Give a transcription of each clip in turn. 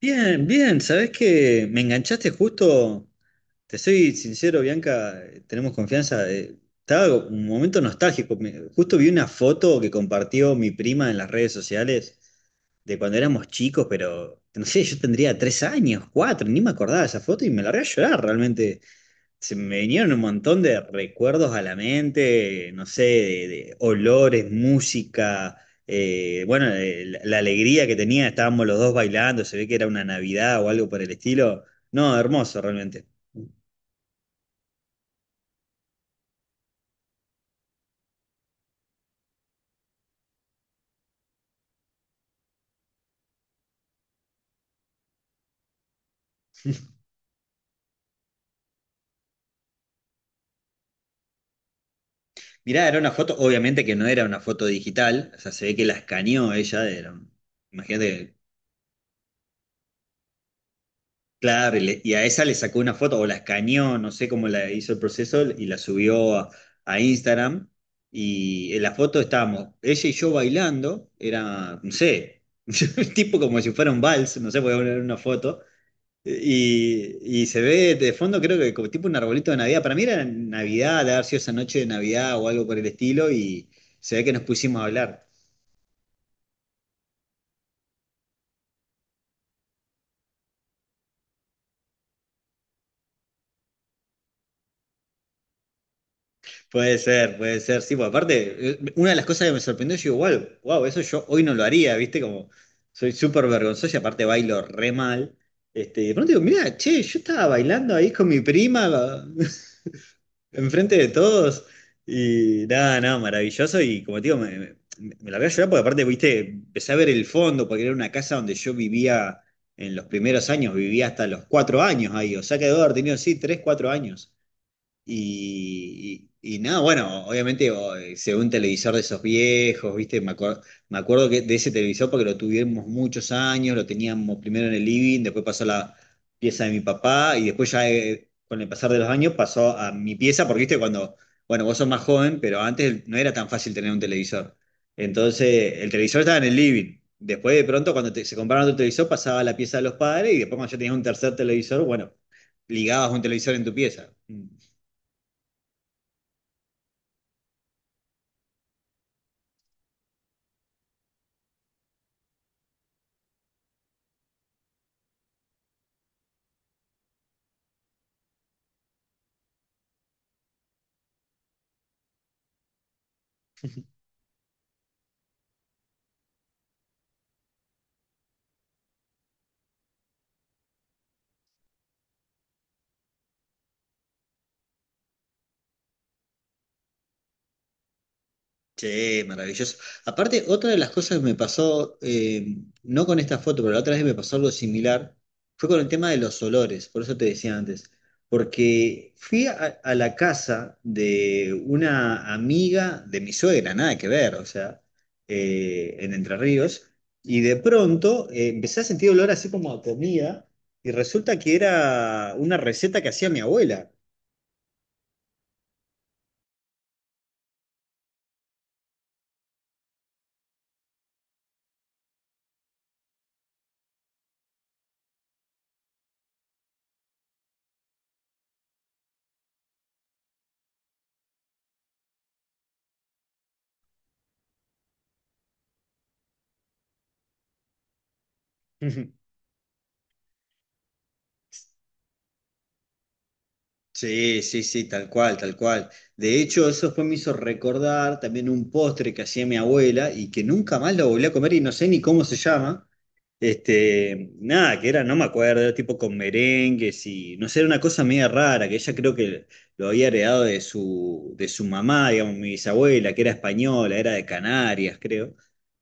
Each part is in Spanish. Bien, bien. ¿Sabés que me enganchaste justo? Te soy sincero, Bianca, tenemos confianza. Estaba un momento nostálgico, justo vi una foto que compartió mi prima en las redes sociales de cuando éramos chicos, pero no sé, yo tendría 3 años, cuatro, ni me acordaba de esa foto y me largué a llorar realmente. Se me vinieron un montón de recuerdos a la mente, no sé, de olores, música, bueno, la alegría que tenía, estábamos los dos bailando, se ve que era una Navidad o algo por el estilo. No, hermoso realmente. Mirá, era una foto, obviamente que no era una foto digital, o sea, se ve que la escaneó ella, imagínate. Claro, y a esa le sacó una foto o la escaneó, no sé cómo la hizo el proceso y la subió a Instagram. Y en la foto estábamos ella y yo bailando, era, no sé, tipo como si fuera un vals, no sé, voy a poner una foto. Y se ve de fondo, creo que como tipo un arbolito de Navidad. Para mí era Navidad, de haber sido esa noche de Navidad o algo por el estilo, y se ve que nos pusimos a hablar. Puede ser, puede ser. Sí, pues aparte, una de las cosas que me sorprendió, yo digo, wow, wow, eso yo hoy no lo haría, ¿viste? Como soy súper vergonzoso y aparte bailo re mal. Este, y de pronto digo, mira, che, yo estaba bailando ahí con mi prima, enfrente de todos. Y nada, nada, maravilloso. Y como te digo, me la voy a llorar porque aparte, viste, empecé a ver el fondo, porque era una casa donde yo vivía en los primeros años, vivía hasta los 4 años ahí. O sea que debo haber tenido, sí, 3, 4 años. Y nada, bueno, obviamente se ve un televisor de esos viejos, ¿viste? Me acuerdo que de ese televisor porque lo tuvimos muchos años, lo teníamos primero en el living, después pasó a la pieza de mi papá y después ya con el pasar de los años pasó a mi pieza porque, ¿viste? Cuando, bueno, vos sos más joven, pero antes no era tan fácil tener un televisor. Entonces, el televisor estaba en el living. Después de pronto, cuando se compraron otro televisor, pasaba a la pieza de los padres y después cuando ya tenías un tercer televisor, bueno, ligabas un televisor en tu pieza. Mm. Sí, maravilloso. Aparte, otra de las cosas que me pasó, no con esta foto, pero la otra vez me pasó algo similar, fue con el tema de los olores, por eso te decía antes, porque fui a la casa de una amiga de mi suegra, nada que ver, o sea, en Entre Ríos, y de pronto empecé a sentir olor así como a comida, y resulta que era una receta que hacía mi abuela. Sí, sí, sí, tal cual, tal cual. De hecho, eso después me hizo recordar también un postre que hacía mi abuela y que nunca más lo volví a comer y no sé ni cómo se llama. Este, nada, que era, no me acuerdo, era tipo con merengues y no sé, era una cosa media rara, que ella creo que lo había heredado de su mamá, digamos, mi bisabuela, que era española, era de Canarias, creo.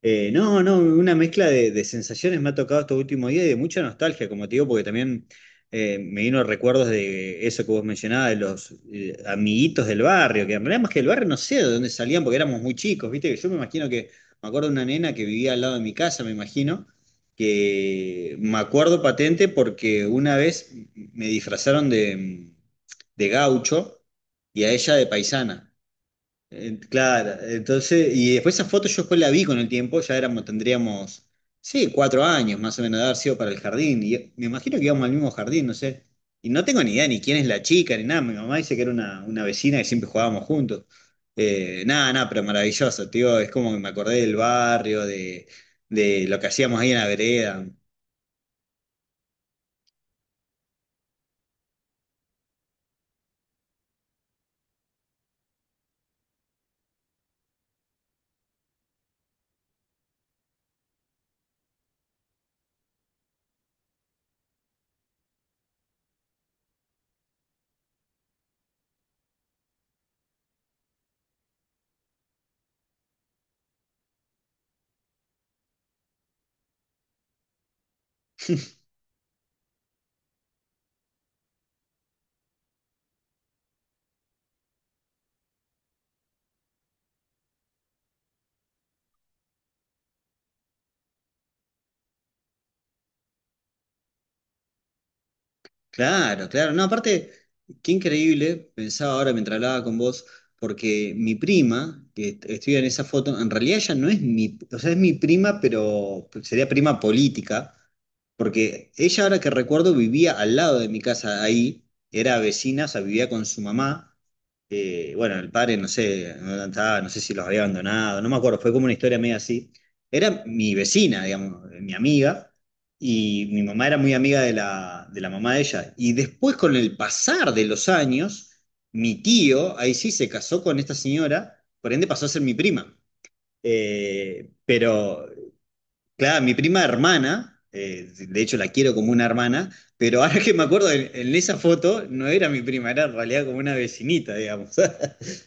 No, no, una mezcla de sensaciones me ha tocado estos últimos días y de mucha nostalgia, como te digo, porque también me vino recuerdos de eso que vos mencionabas, de los amiguitos del barrio, que en realidad más que del barrio no sé de dónde salían porque éramos muy chicos, ¿viste? Yo me imagino que, me acuerdo de una nena que vivía al lado de mi casa, me imagino, que me acuerdo patente porque una vez me disfrazaron de, gaucho y a ella de paisana. Claro, entonces, y después esa foto yo después la vi con el tiempo, ya éramos, tendríamos, sí, 4 años más o menos de haber sido para el jardín, y me imagino que íbamos al mismo jardín, no sé, y no tengo ni idea ni quién es la chica, ni nada, mi mamá dice que era una vecina que siempre jugábamos juntos. Nada, nada, pero maravilloso, tío, es como que me acordé del barrio, de lo que hacíamos ahí en la vereda. Claro, claro. No, aparte, qué increíble, pensaba ahora mientras hablaba con vos, porque mi prima, que estudia en esa foto, en realidad ella no es mi, o sea, es mi prima, pero sería prima política, porque ella ahora que recuerdo vivía al lado de mi casa ahí, era vecina, o sea, vivía con su mamá. Bueno, el padre, no sé, no estaba, no sé si los había abandonado, no me acuerdo, fue como una historia medio así. Era mi vecina, digamos, mi amiga y mi mamá era muy amiga de la mamá de ella. Y después, con el pasar de los años, mi tío, ahí sí, se casó con esta señora, por ende pasó a ser mi prima. Eh, pero, claro, mi prima hermana, de hecho la quiero como una hermana, pero ahora que me acuerdo, en esa foto no era mi prima, era en realidad como una vecinita, digamos.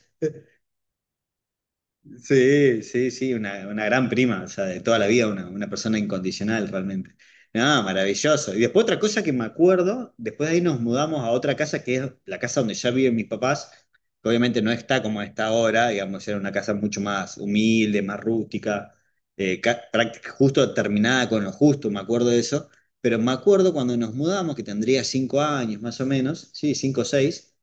Sí, sí, sí, una gran prima, o sea, de toda la vida, una persona incondicional realmente. No, maravilloso. Y después otra cosa que me acuerdo, después de ahí nos mudamos a otra casa que es la casa donde ya viven mis papás, que obviamente no está como está ahora, digamos, era una casa mucho más humilde, más rústica, justo terminada con lo justo, me acuerdo de eso. Pero me acuerdo cuando nos mudamos, que tendría 5 años más o menos, sí, 5 o 6,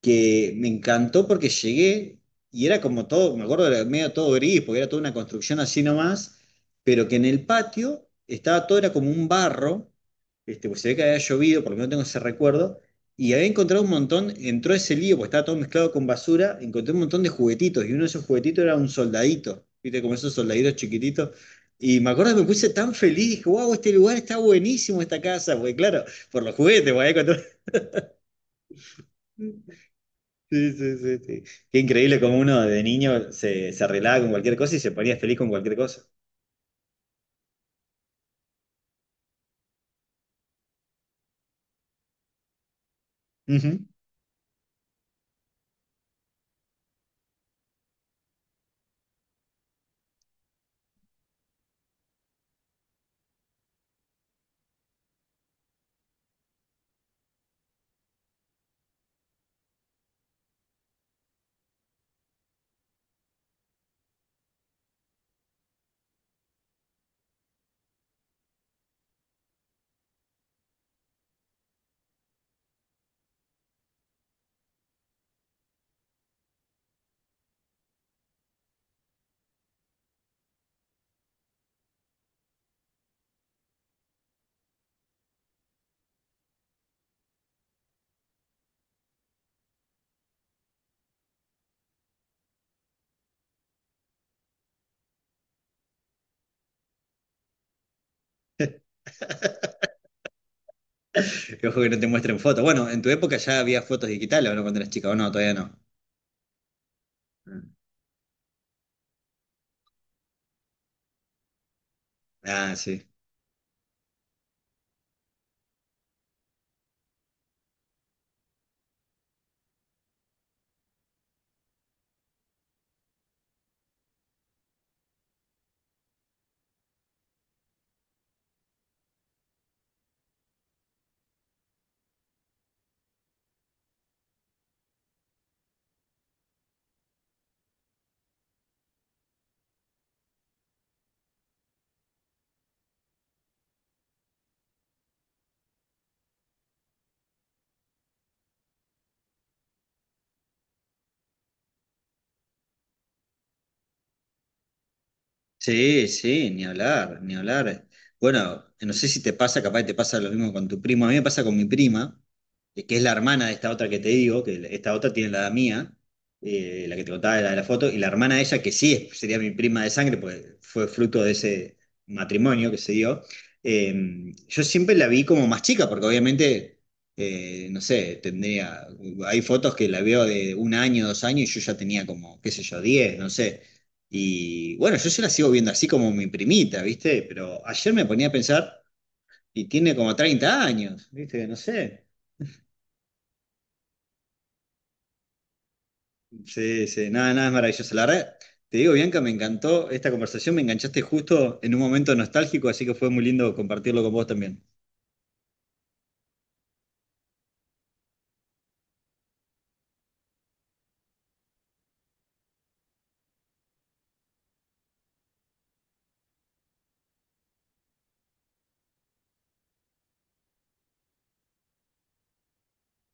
que me encantó porque llegué y era como todo, me acuerdo, era medio todo gris, porque era toda una construcción así nomás, pero que en el patio estaba todo, era como un barro, este, pues se ve que había llovido, porque no tengo ese recuerdo, y había encontrado un montón, entró ese lío, porque estaba todo mezclado con basura, encontré un montón de juguetitos, y uno de esos juguetitos era un soldadito, viste, como esos soldaditos chiquititos. Y me acuerdo que me puse tan feliz, dije, wow, este lugar está buenísimo, esta casa, porque claro, por los juguetes, sí, sí, sí, sí. Qué increíble como uno de niño se arreglaba con cualquier cosa y se ponía feliz con cualquier cosa. Ujú. Que ojo que no te muestren fotos. Bueno, en tu época ya había fotos digitales, ¿o no? Cuando eras chica, o no, todavía no. Ah, sí. Sí, sí, ni hablar, ni hablar. Bueno, no sé si te pasa, capaz que te pasa lo mismo con tu primo. A mí me pasa con mi prima, que es la hermana de esta otra que te digo, que esta otra tiene la edad mía, la que te contaba, la de la foto, y la hermana de ella, que sí sería mi prima de sangre, porque fue fruto de ese matrimonio que se dio. eh, yo siempre la vi como más chica, porque obviamente, no sé, tendría, hay fotos que la veo de 1 año, 2 años, y yo ya tenía como, qué sé yo, 10, no sé. Y bueno, yo se la sigo viendo así como mi primita, ¿viste? Pero ayer me ponía a pensar y tiene como 30 años, ¿viste? No sé. Sí, sí, nada, nada es maravilloso. La verdad, te digo, Bianca, me encantó esta conversación, me enganchaste justo en un momento nostálgico, así que fue muy lindo compartirlo con vos también.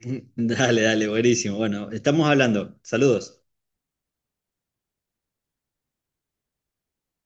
Dale, dale, buenísimo. Bueno, estamos hablando. Saludos.